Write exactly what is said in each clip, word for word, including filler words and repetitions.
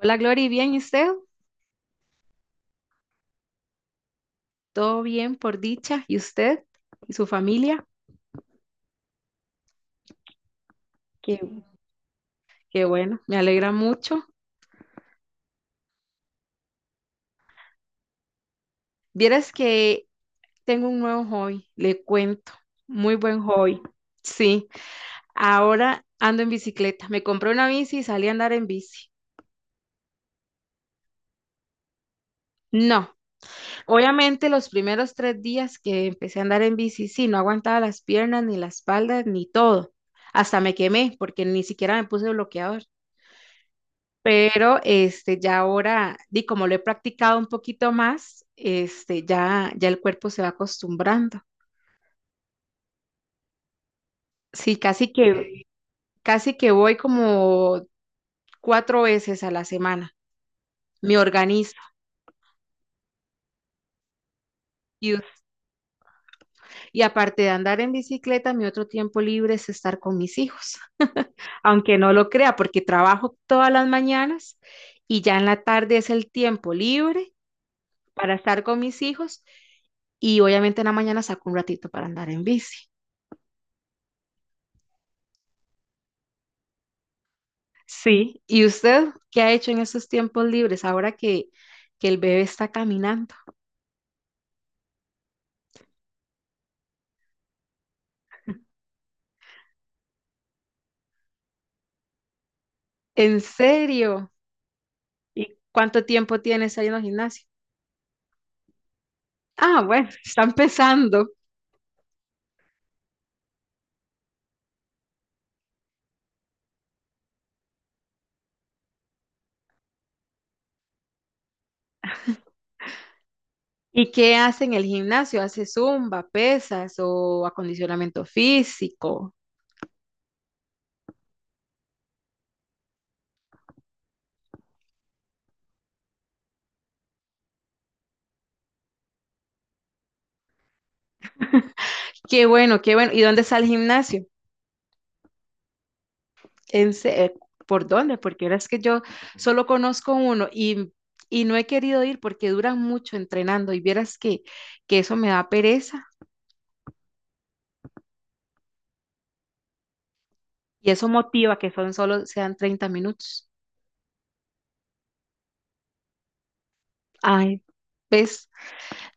Hola, Glory, ¿bien y usted? Todo bien por dicha. ¿Y usted y su familia? Qué, qué bueno, me alegra mucho. Vieras que tengo un nuevo hobby, le cuento. Muy buen hobby. Sí, ahora ando en bicicleta. Me compré una bici y salí a andar en bici. No, obviamente los primeros tres días que empecé a andar en bici, sí, no aguantaba las piernas, ni la espalda, ni todo. Hasta me quemé porque ni siquiera me puse bloqueador. Pero este, ya ahora, di como lo he practicado un poquito más, este, ya, ya el cuerpo se va acostumbrando. Sí, casi que, casi que voy como cuatro veces a la semana, me organizo. Y, y aparte de andar en bicicleta, mi otro tiempo libre es estar con mis hijos, aunque no lo crea, porque trabajo todas las mañanas y ya en la tarde es el tiempo libre para estar con mis hijos y obviamente en la mañana saco un ratito para andar en bici. Sí, ¿y usted qué ha hecho en esos tiempos libres ahora que, que el bebé está caminando? ¿En serio? ¿Y cuánto tiempo tienes ahí en el gimnasio? Ah, bueno, está empezando. ¿Y qué hace en el gimnasio? ¿Hace zumba, pesas o acondicionamiento físico? Qué bueno, qué bueno. ¿Y dónde está el gimnasio? ¿En se- eh, ¿Por dónde? Porque ahora es que yo solo conozco uno y, y no he querido ir porque duran mucho entrenando y vieras que, que eso me da pereza. Y eso motiva que son solo sean treinta minutos. Ay, ¿ves?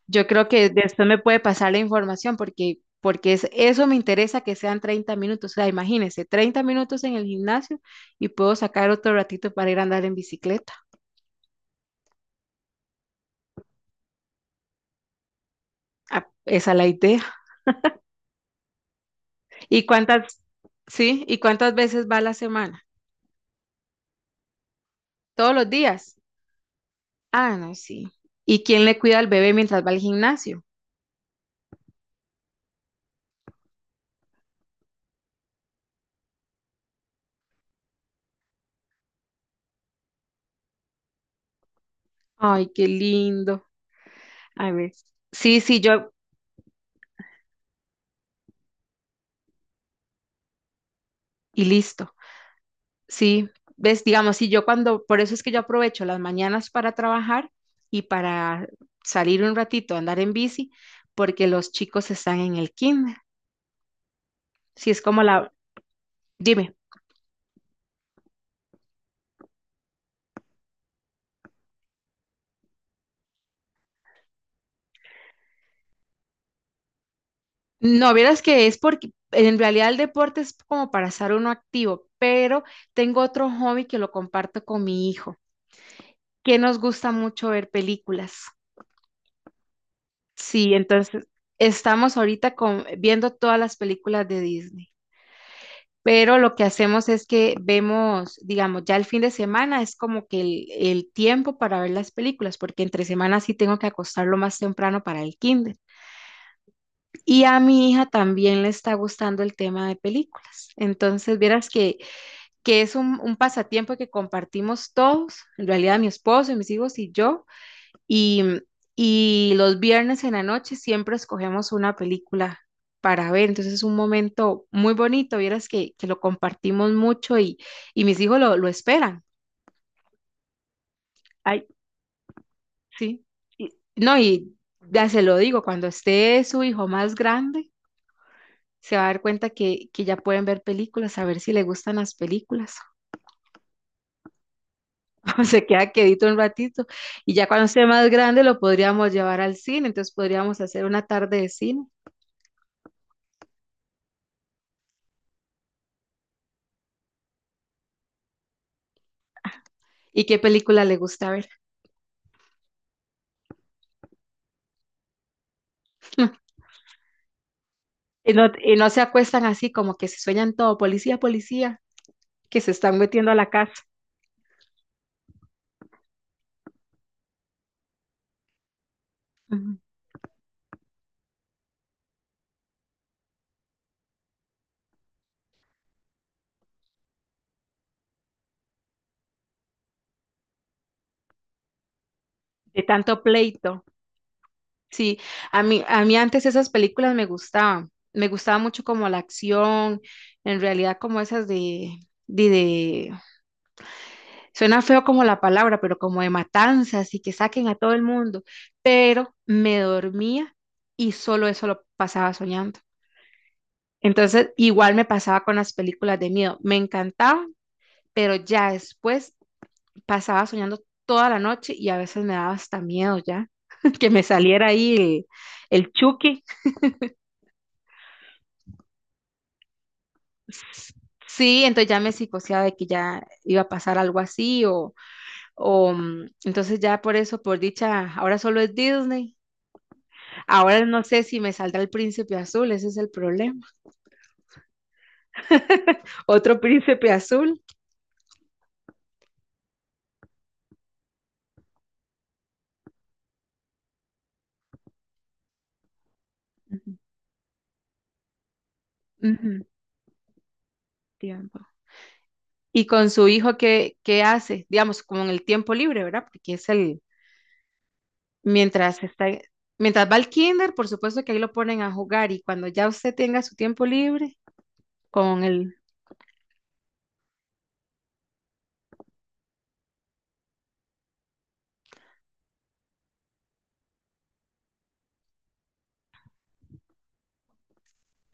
Yo creo que después me puede pasar la información porque, porque es, eso me interesa que sean treinta minutos. O sea, imagínese, treinta minutos en el gimnasio y puedo sacar otro ratito para ir a andar en bicicleta. Ah, esa es la idea. ¿Y cuántas, sí? ¿Y cuántas veces va a la semana? ¿Todos los días? Ah, no, sí. ¿Y quién le cuida al bebé mientras va al gimnasio? Ay, qué lindo. A ver. Sí, sí, yo, y listo. Sí, ves, digamos, si yo cuando, por eso es que yo aprovecho las mañanas para trabajar y para salir un ratito a andar en bici, porque los chicos están en el kinder. Si es como la, dime. No, vieras que es porque en realidad el deporte es como para estar uno activo, pero tengo otro hobby que lo comparto con mi hijo, que nos gusta mucho ver películas. Sí, entonces estamos ahorita con, viendo todas las películas de Disney. Pero lo que hacemos es que vemos, digamos, ya el fin de semana es como que el, el tiempo para ver las películas, porque entre semanas sí tengo que acostarlo más temprano para el kinder. Y a mi hija también le está gustando el tema de películas. Entonces, vieras que, que es un, un pasatiempo que compartimos todos, en realidad mi esposo, mis hijos y yo, y, y los viernes en la noche siempre escogemos una película para ver. Entonces es un momento muy bonito, vieras que, que lo compartimos mucho y, y mis hijos lo, lo esperan. Ay, sí. Y- no, y ya se lo digo, cuando esté su hijo más grande, se va a dar cuenta que, que ya pueden ver películas, a ver si le gustan las películas. O se queda quedito un ratito. Y ya cuando esté más grande lo podríamos llevar al cine, entonces podríamos hacer una tarde de cine. ¿Y qué película le gusta ver? Y no, y no se acuestan así como que se sueñan todo, policía, policía, que se están metiendo a la casa. Ujú. De tanto pleito. Sí, a mí, a mí antes esas películas me gustaban, me gustaba mucho como la acción, en realidad como esas de, de, de- suena feo como la palabra, pero como de matanzas y que saquen a todo el mundo, pero me dormía y solo eso lo pasaba soñando. Entonces, igual me pasaba con las películas de miedo, me encantaban, pero ya después pasaba soñando toda la noche y a veces me daba hasta miedo ya que me saliera ahí el, el Chucky. Sí, entonces ya me psicoseaba de que ya iba a pasar algo así o, o mm, entonces ya por eso, por dicha, ahora solo es Disney. Ahora no sé si me saldrá el príncipe azul, ese es el problema. Otro príncipe azul. Ujú, ujú. Tiempo. Y con su hijo, ¿qué, qué hace? Digamos, como en el tiempo libre, ¿verdad? Porque es el, Mientras está, mientras va al kinder, por supuesto que ahí lo ponen a jugar y cuando ya usted tenga su tiempo libre con el...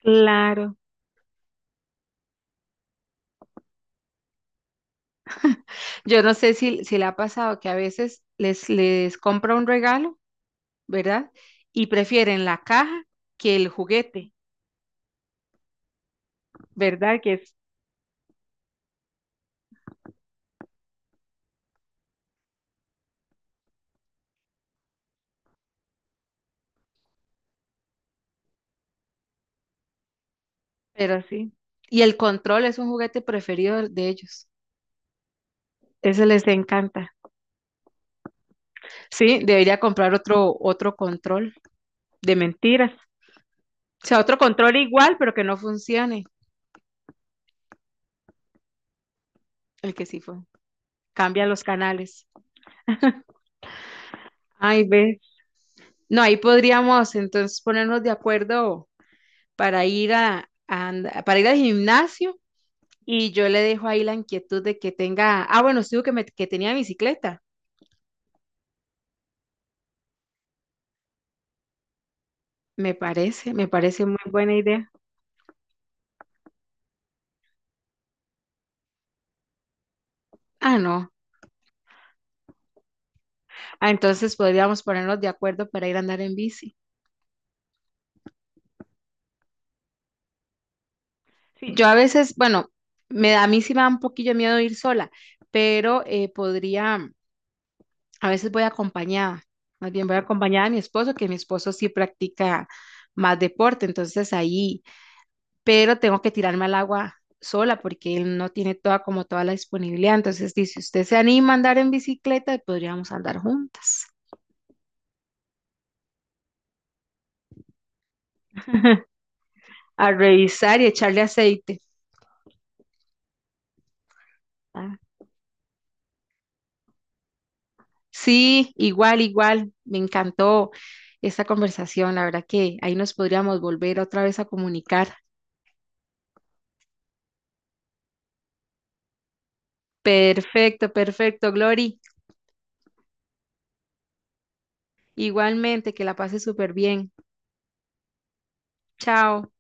Claro. Yo no sé si, si le ha pasado que a veces les, les compra un regalo, ¿verdad? Y prefieren la caja que el juguete, ¿verdad? Que es, pero sí. Y el control es un juguete preferido de de ellos. Ese les encanta. Sí, debería comprar otro, otro control de mentiras. O sea, otro control igual, pero que no funcione. El que sí fue. Cambia los canales. Ay, ve. No, ahí podríamos entonces ponernos de acuerdo para ir a, a and- para ir al gimnasio y yo le dejo ahí la inquietud de que tenga, ah, bueno, sí, que, me- que tenía bicicleta. Me parece, me parece muy buena idea. Ah, no. Ah, entonces podríamos ponernos de acuerdo para ir a andar en bici. Sí. Yo, sí, a veces, bueno, me da, a mí sí me da un poquillo de miedo ir sola, pero eh, podría. A veces voy acompañada, más bien voy acompañada de mi esposo, que mi esposo sí practica más deporte, entonces ahí, pero tengo que tirarme al agua sola porque él no tiene toda como toda la disponibilidad. Entonces dice, si usted se anima a andar en bicicleta, podríamos andar juntas, a revisar y echarle aceite. ¿Verdad? Sí, igual, igual, me encantó esta conversación, la verdad que ahí nos podríamos volver otra vez a comunicar. Perfecto, perfecto, Glory. Igualmente, que la pase súper bien. Chao.